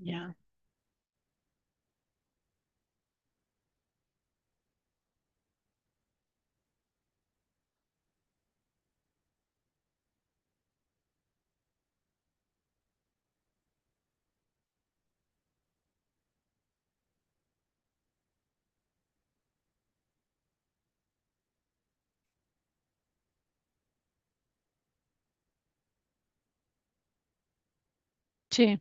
Ya, sí,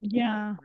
ya.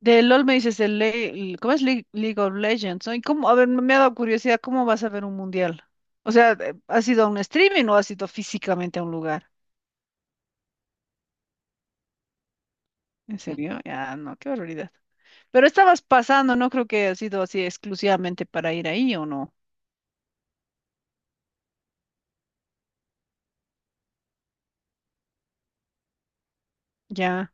De LOL me dices, ¿cómo es League of Legends? ¿No? ¿Y cómo? A ver, me ha dado curiosidad, ¿cómo vas a ver un mundial? O sea, ¿has ido a un streaming o has ido físicamente a un lugar? ¿En serio? Ya, no, qué barbaridad. Pero estabas pasando, no creo que ha sido así exclusivamente para ir ahí o no. Ya.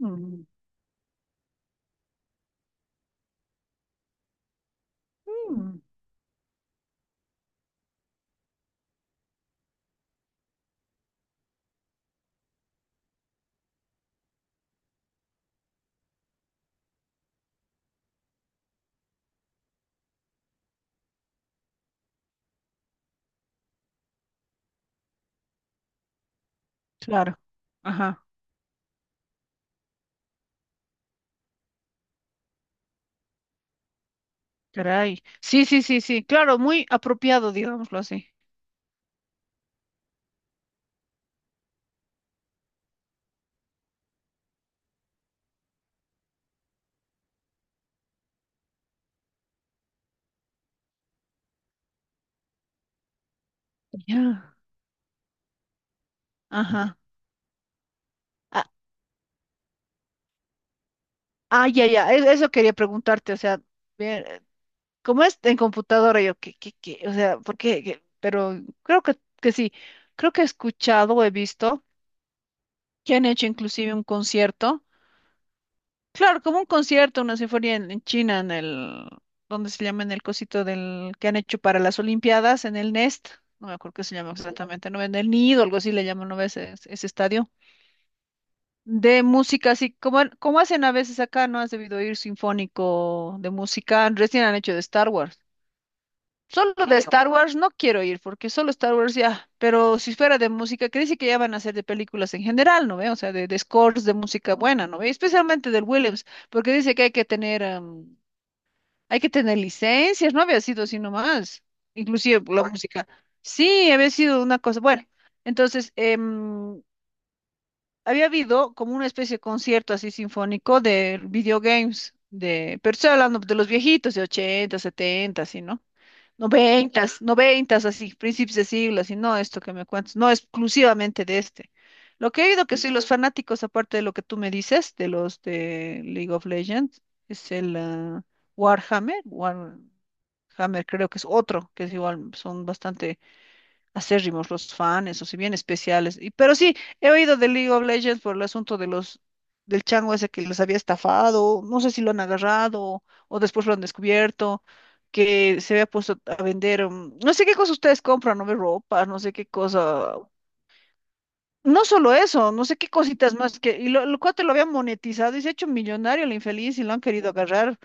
Mm, mm, claro. Ajá, caray. Sí, sí, sí, sí. Claro, muy apropiado, digámoslo así. Ya. Ajá. Ah, ah, ya, ya. Eso quería preguntarte, o sea. Ver, como es en computadora, yo, ¿qué? O sea, ¿por qué? ¿Qué? Pero creo que sí, creo que he escuchado o he visto que han hecho inclusive un concierto, claro, como un concierto, una sinfonía en, China, en el, ¿dónde se llama? En el cosito del, que han hecho para las Olimpiadas, en el Nest, no me acuerdo qué se llama exactamente, no, en el Nido, algo así le llaman, ¿no ves ese estadio? De música, así como hacen a veces acá, ¿no? Has debido oír sinfónico de música, recién han hecho de Star Wars. Solo de Star Wars no quiero ir, porque solo Star Wars ya, pero si fuera de música, que dice que ya van a hacer de películas en general, ¿no ve? O sea, de, scores de música buena, ¿no ve? Especialmente del Williams, porque dice que hay que tener, hay que tener licencias, no había sido así nomás, inclusive la música. Sí, había sido una cosa, bueno, entonces, había habido como una especie de concierto así sinfónico de videogames, de, pero estoy hablando de los viejitos de 80, 70, así, ¿no? Noventas, noventas, así, principios de siglo, así, no esto que me cuentas, no exclusivamente de este. Lo que he oído que soy los fanáticos, aparte de lo que tú me dices, de los de League of Legends, es el Warhammer, Warhammer creo que es otro, que es igual, son bastante acérrimos los fans, o si bien especiales. Y pero sí, he oído de League of Legends por el asunto de los del chango ese que los había estafado, no sé si lo han agarrado o después lo han descubierto, que se había puesto a vender, no sé qué cosas ustedes compran, no ve, ropa, no sé qué cosa, no solo eso, no sé qué cositas más que, y lo, el cuate lo había monetizado y se ha hecho millonario el infeliz y lo han querido agarrar,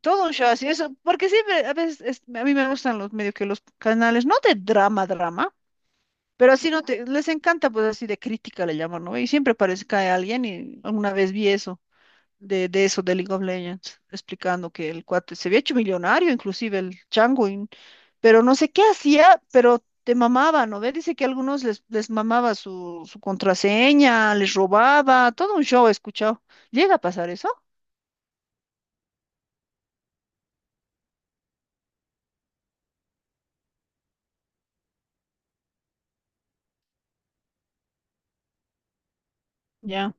todo un show así, eso, porque sí, a veces a mí me gustan los medio que los canales, no de drama, drama, pero así no te, les encanta, pues así de crítica le llaman, ¿no? Y siempre parece que hay alguien y alguna vez vi eso, de eso, de League of Legends, explicando que el cuate se había hecho millonario, inclusive el chango, y pero no sé qué hacía, pero te mamaba, ¿no? Ve, dice que a algunos les, les mamaba su, su contraseña, les robaba, todo un show he escuchado. ¿Llega a pasar eso? Ya.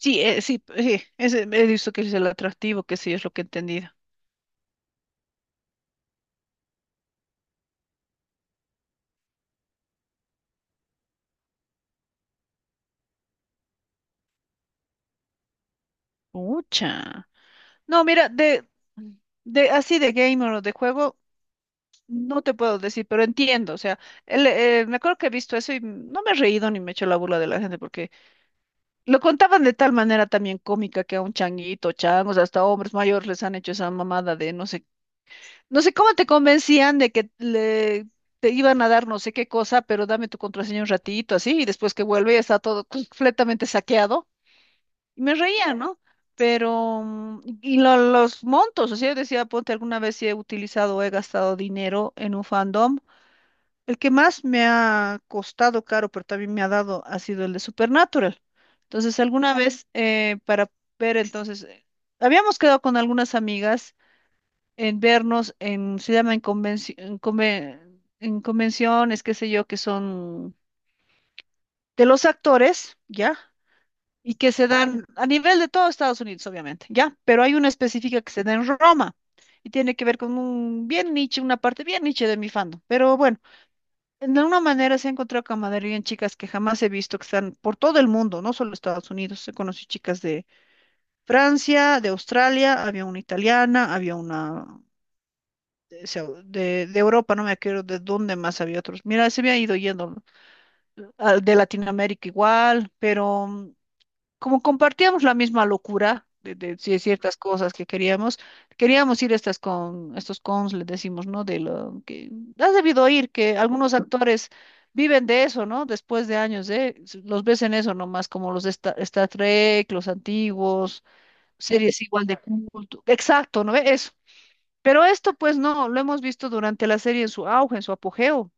Sí, sí, sí, ese, he visto que es el atractivo, que sí es lo que he entendido. Mucha. No, mira, de, así de gamer o de juego, no te puedo decir, pero entiendo. O sea, me acuerdo que he visto eso y no me he reído ni me he hecho la burla de la gente porque lo contaban de tal manera también cómica que a un changuito, changos, hasta hombres mayores les han hecho esa mamada de no sé, no sé cómo te convencían de que le te iban a dar no sé qué cosa, pero dame tu contraseña un ratito así y después que vuelve ya está todo completamente saqueado. Y me reía, ¿no? Pero, y los montos, o sea, yo decía, ponte, alguna vez si he utilizado o he gastado dinero en un fandom. El que más me ha costado caro, pero también me ha dado, ha sido el de Supernatural. Entonces, alguna Ujú. Vez, para ver, entonces, habíamos quedado con algunas amigas en vernos en, se llama en en convenciones, qué sé yo, que son de los actores, ¿ya? Y que se dan a nivel de todo Estados Unidos, obviamente, ¿ya? Pero hay una específica que se da en Roma y tiene que ver con un bien niche, una parte bien niche de mi fandom. Pero bueno, de alguna manera se ha encontrado camaradería en chicas que jamás he visto, que están por todo el mundo, no solo Estados Unidos. He conocido chicas de Francia, de Australia, había una italiana, había una. De, de Europa, no me acuerdo de dónde más había otros. Mira, se me ha ido yendo de Latinoamérica igual, pero mm, como compartíamos la misma locura de, sí, de ciertas cosas que queríamos, queríamos ir a estas estos cons, le decimos, ¿no? De lo que has debido oír, que algunos actores viven de eso, ¿no? Después de años, ¿eh? Los ves en eso nomás, como los de Star Trek, los antiguos, series igual de culto. Exacto, ¿no ve? Eso. Pero esto, pues no, lo hemos visto durante la serie en su auge, en su apogeo,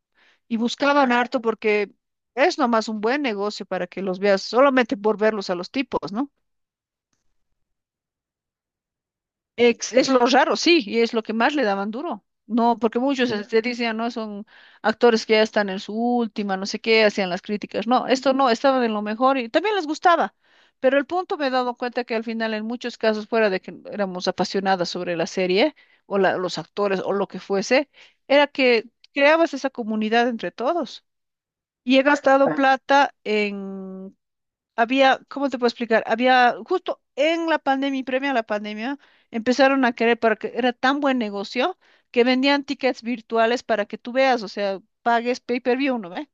y buscaban harto porque es nomás un buen negocio para que los veas, solamente por verlos a los tipos, ¿no? Es lo raro, sí, y es lo que más le daban duro. No, porque muchos te decían, no, son actores que ya están en su última, no sé qué, hacían las críticas. No, esto no, estaban en lo mejor y también les gustaba. Pero el punto, me he dado cuenta que al final en muchos casos, fuera de que éramos apasionadas sobre la serie o los actores o lo que fuese, era que creabas esa comunidad entre todos. Y he gastado plata en había, ¿cómo te puedo explicar? Había, justo en la pandemia y previa a la pandemia, empezaron a querer, porque era tan buen negocio, que vendían tickets virtuales para que tú veas, o sea, pagues pay-per-view, ¿no ve?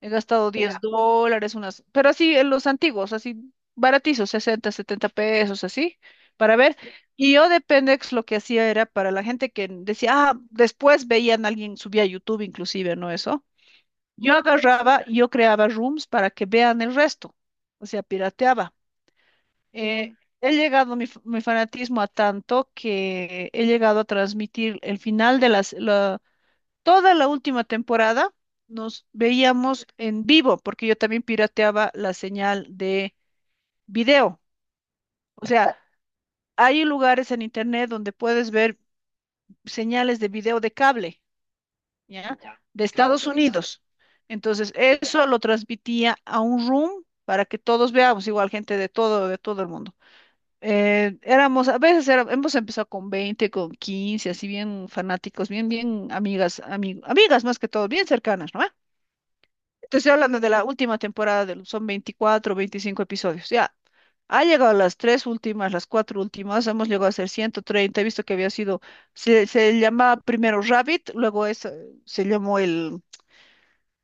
He gastado $10, unas, pero así, en los antiguos, así, baratizos, 60 70 pesos, así, para ver. Y yo de Pendex lo que hacía era para la gente que decía, ah, después veían a alguien, subía a YouTube inclusive, ¿no? Eso yo agarraba, y yo creaba rooms para que vean el resto, o sea, pirateaba. Eh, he llegado mi, mi fanatismo a tanto que he llegado a transmitir el final de toda la última temporada, nos veíamos en vivo, porque yo también pirateaba la señal de video. O sea, hay lugares en internet donde puedes ver señales de video de cable. ¿Ya? De Estados Unidos. Entonces, eso lo transmitía a un room para que todos veamos, igual gente de todo el mundo. Éramos, a veces era, hemos empezado con 20 con 15 así bien fanáticos, bien, bien amigas, amigas más que todo, bien cercanas, ¿no? Te estoy hablando de la última temporada, del son 24 25 episodios, ya. Ha llegado las tres últimas, las cuatro últimas, hemos llegado a ser 130, he visto que había sido, se llamaba primero Rabbit, luego es, se llamó el,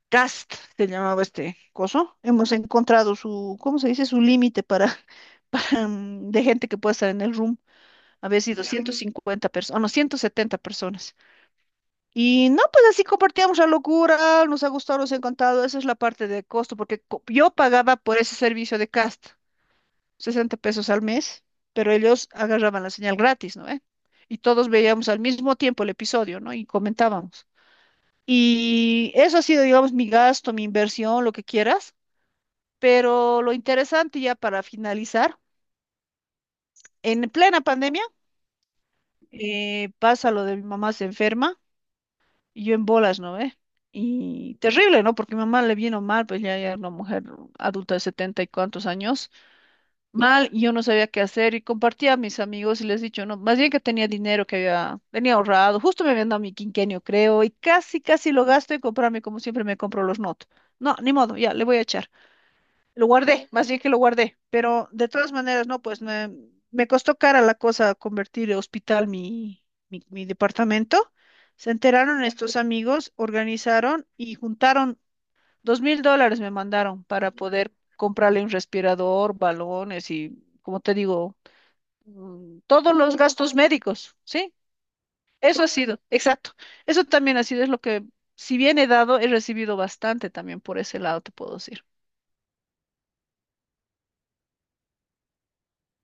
Cast se llamaba este coso. Hemos encontrado su, ¿cómo se dice? Su límite para de gente que puede estar en el room. Había sido 150 personas, no, 170 personas. Y no, pues así compartíamos la locura, nos ha gustado, nos ha encantado. Esa es la parte de costo, porque yo pagaba por ese servicio de cast, 60 pesos al mes, pero ellos agarraban la señal gratis, ¿no ve? Y todos veíamos al mismo tiempo el episodio, ¿no? Y comentábamos. Y eso ha sido, digamos, mi gasto, mi inversión, lo que quieras. Pero lo interesante ya para finalizar, en plena pandemia, pasa lo de mi mamá se enferma y yo en bolas, ¿no ve? Y terrible, ¿no? Porque mi mamá le vino mal, pues ya era una mujer adulta de setenta y cuantos años, mal, y yo no sabía qué hacer y compartía a mis amigos y les he dicho, no, más bien que tenía dinero que había, tenía ahorrado, justo me habían dado mi quinquenio, creo, y casi, casi lo gasto en comprarme como siempre me compro los not. No, ni modo, ya, le voy a echar. Lo guardé, más bien que lo guardé, pero de todas maneras, no, pues me costó cara la cosa convertir en hospital mi, departamento. Se enteraron estos amigos, organizaron y juntaron $2,000, me mandaron para poder comprarle un respirador, balones y, como te digo, todos los gastos médicos, ¿sí? Eso ha sido, exacto. Eso también ha sido, es lo que, si bien he dado, he recibido bastante también por ese lado, te puedo decir.